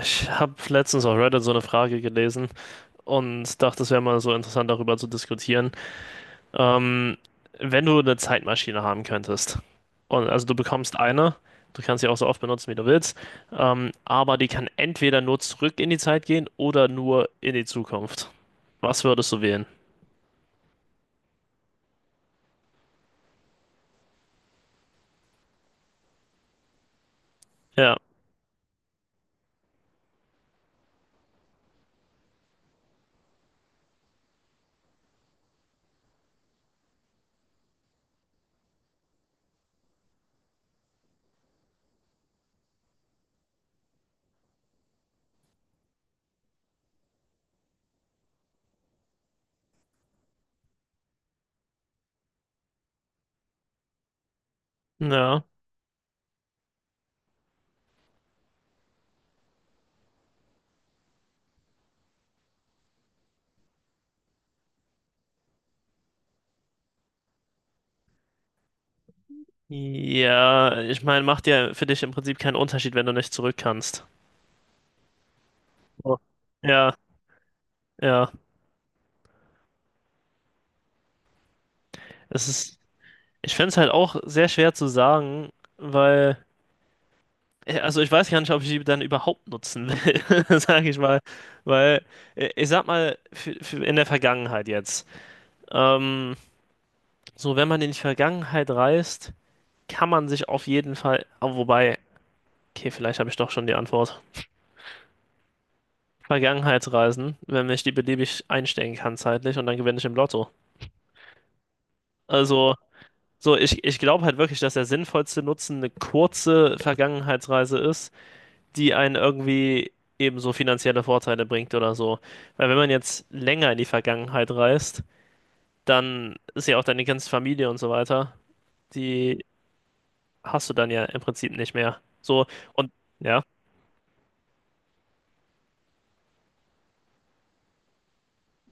Ich habe letztens auf Reddit so eine Frage gelesen und dachte, es wäre mal so interessant, darüber zu diskutieren. Ähm, Wenn du eine Zeitmaschine haben könntest, und also du bekommst eine, du kannst sie auch so oft benutzen, wie du willst, aber die kann entweder nur zurück in die Zeit gehen oder nur in die Zukunft. Was würdest du wählen? Ja, ja. Ja, ich meine, macht ja für dich im Prinzip keinen Unterschied, wenn du nicht zurück kannst. Oh. Ja, ja. Es ist. Ich fände es halt auch sehr schwer zu sagen, weil, also ich weiß gar nicht, ob ich die dann überhaupt nutzen will, sage ich mal. Weil, ich sag mal, für in der Vergangenheit jetzt. Ähm, so, wenn man in die Vergangenheit reist, kann man sich auf jeden Fall, wobei, okay, vielleicht habe ich doch schon die Antwort. Vergangenheitsreisen, wenn ich die beliebig einstellen kann zeitlich und dann gewinne ich im Lotto. Also, so, ich glaube halt wirklich, dass der sinnvollste Nutzen eine kurze Vergangenheitsreise ist, die einen irgendwie ebenso finanzielle Vorteile bringt oder so. Weil wenn man jetzt länger in die Vergangenheit reist, dann ist ja auch deine ganze Familie und so weiter, die hast du dann ja im Prinzip nicht mehr. So, und ja,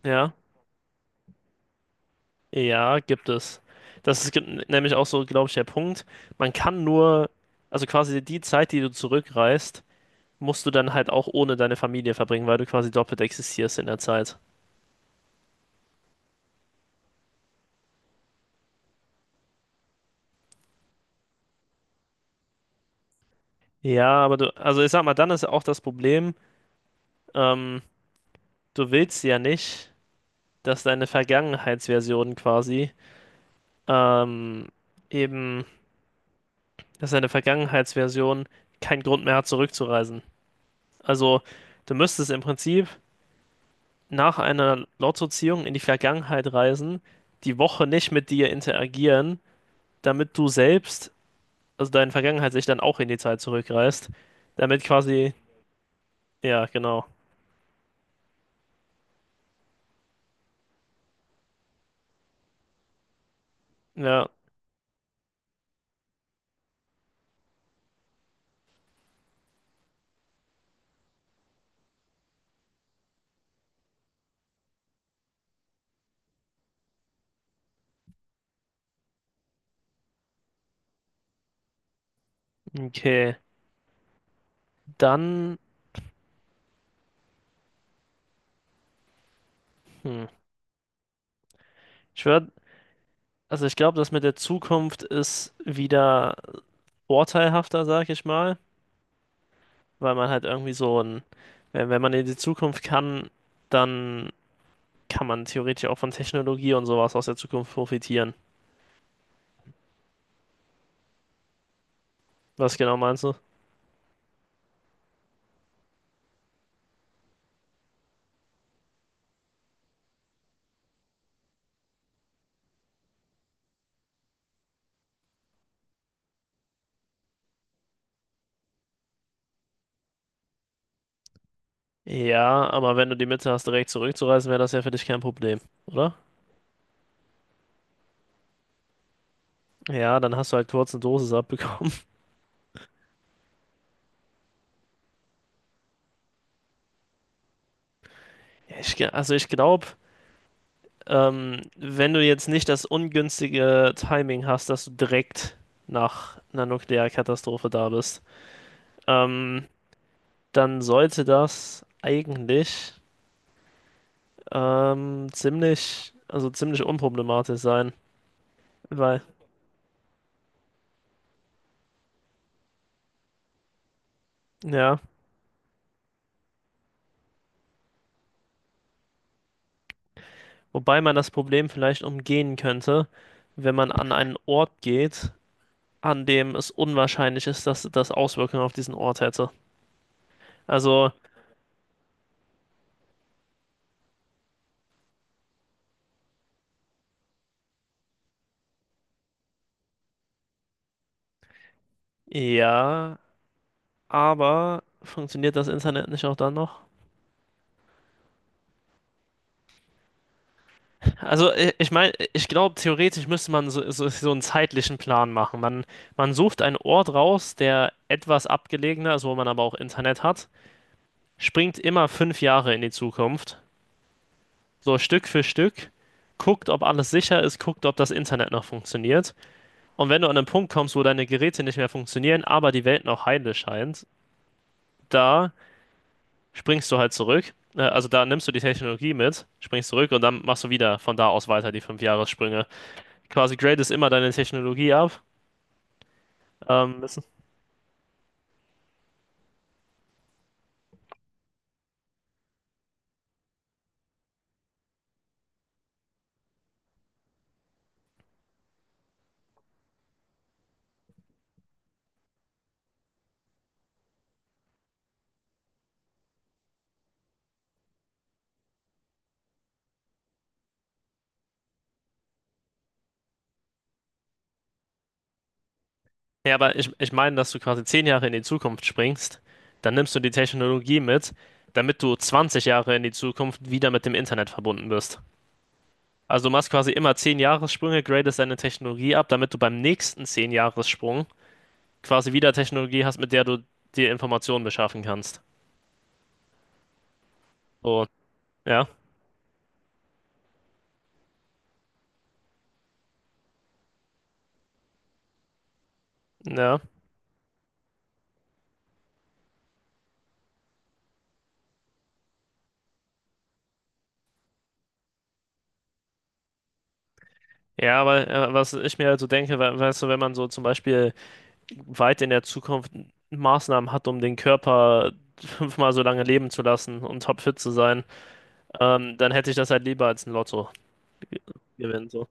ja, ja, gibt es. Das ist gen- nämlich auch so, glaube ich, der Punkt. Man kann nur, also quasi die Zeit, die du zurückreist, musst du dann halt auch ohne deine Familie verbringen, weil du quasi doppelt existierst in der Zeit. Ja, aber du, also ich sag mal, dann ist auch das Problem, ähm, du willst ja nicht, dass deine Vergangenheitsversion quasi ähm, eben, dass deine Vergangenheitsversion keinen Grund mehr hat, zurückzureisen. Also du müsstest im Prinzip nach einer Lottoziehung in die Vergangenheit reisen, die Woche nicht mit dir interagieren, damit du selbst, also deine Vergangenheit sich dann auch in die Zeit zurückreist, damit quasi, ja, genau. Ja, okay. Dann, hm, ich würde, also ich glaube, das mit der Zukunft ist wieder vorteilhafter, sag ich mal, weil man halt irgendwie so ein, wenn man in die Zukunft kann, dann kann man theoretisch auch von Technologie und sowas aus der Zukunft profitieren. Was genau meinst du? Ja, aber wenn du die Mitte hast, direkt zurückzureisen, wäre das ja für dich kein Problem, oder? Ja, dann hast du halt kurz eine Dosis abbekommen. Ja, also ich glaube, wenn du jetzt nicht das ungünstige Timing hast, dass du direkt nach einer Nuklearkatastrophe da bist, ähm, dann sollte das eigentlich also ziemlich unproblematisch sein, weil, ja, wobei man das Problem vielleicht umgehen könnte, wenn man an einen Ort geht, an dem es unwahrscheinlich ist, dass das Auswirkungen auf diesen Ort hätte. Also, ja, aber funktioniert das Internet nicht auch dann noch? Also, ich meine, ich glaube, theoretisch müsste man so, einen zeitlichen Plan machen. Man sucht einen Ort raus, der etwas abgelegener ist, wo man aber auch Internet hat, springt immer 5 Jahre in die Zukunft, so Stück für Stück, guckt, ob alles sicher ist, guckt, ob das Internet noch funktioniert. Und wenn du an einen Punkt kommst, wo deine Geräte nicht mehr funktionieren, aber die Welt noch heile scheint, da springst du halt zurück. Also da nimmst du die Technologie mit, springst zurück und dann machst du wieder von da aus weiter die 5 Jahressprünge. Quasi gradest immer deine Technologie ab. Ähm, das- Ja, aber ich meine, dass du quasi 10 Jahre in die Zukunft springst, dann nimmst du die Technologie mit, damit du 20 Jahre in die Zukunft wieder mit dem Internet verbunden bist. Also du machst quasi immer 10 Jahressprünge, gradest deine Technologie ab, damit du beim nächsten 10 Jahressprung quasi wieder Technologie hast, mit der du dir Informationen beschaffen kannst. So, ja, ja. Ja, aber was ich mir also denke, we weißt du, wenn man so zum Beispiel weit in der Zukunft Maßnahmen hat, um den Körper fünfmal so lange leben zu lassen und topfit zu sein, dann hätte ich das halt lieber als ein Lotto gewinnen. So.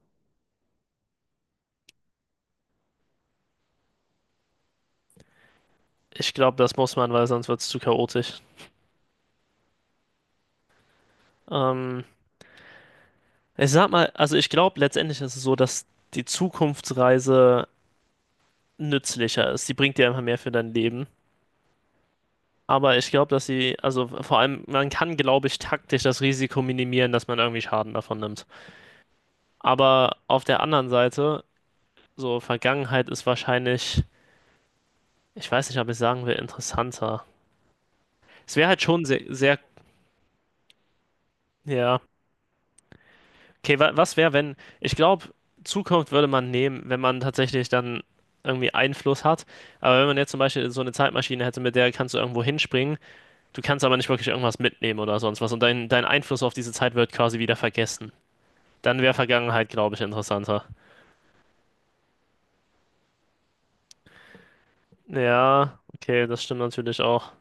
Ich glaube, das muss man, weil sonst wird es zu chaotisch. Ähm, ich sag mal, also ich glaube, letztendlich ist es so, dass die Zukunftsreise nützlicher ist. Die bringt dir einfach mehr für dein Leben. Aber ich glaube, dass sie, also vor allem, man kann, glaube ich, taktisch das Risiko minimieren, dass man irgendwie Schaden davon nimmt. Aber auf der anderen Seite, so Vergangenheit ist wahrscheinlich, ich weiß nicht, ob ich sagen will, interessanter. Es wäre halt schon sehr, sehr, ja. Okay, wa was wäre, wenn, ich glaube, Zukunft würde man nehmen, wenn man tatsächlich dann irgendwie Einfluss hat. Aber wenn man jetzt zum Beispiel so eine Zeitmaschine hätte, mit der kannst du irgendwo hinspringen, du kannst aber nicht wirklich irgendwas mitnehmen oder sonst was und dein Einfluss auf diese Zeit wird quasi wieder vergessen. Dann wäre Vergangenheit, glaube ich, interessanter. Ja, okay, das stimmt natürlich auch.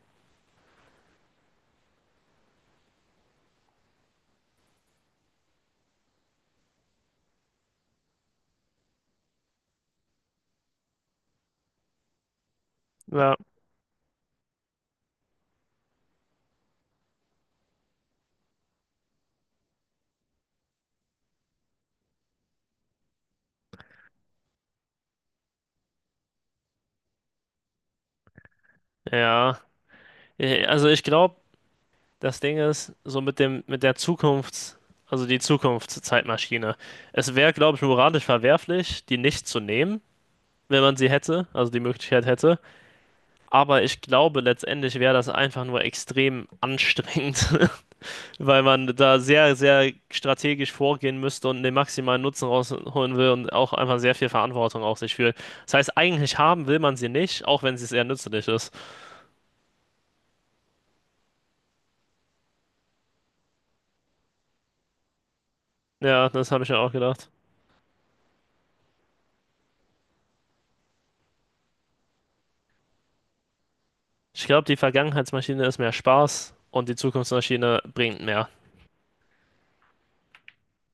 Ja. Ja, also ich glaube, das Ding ist, so mit der Zukunft, also die Zukunftszeitmaschine. Es wäre, glaube ich, moralisch verwerflich, die nicht zu nehmen, wenn man sie hätte, also die Möglichkeit hätte. Aber ich glaube, letztendlich wäre das einfach nur extrem anstrengend, weil man da sehr, sehr strategisch vorgehen müsste und den maximalen Nutzen rausholen will und auch einfach sehr viel Verantwortung auf sich fühlt. Das heißt, eigentlich haben will man sie nicht, auch wenn sie sehr nützlich ist. Ja, das habe ich mir auch gedacht. Ich glaube, die Vergangenheitsmaschine ist mehr Spaß und die Zukunftsmaschine bringt mehr.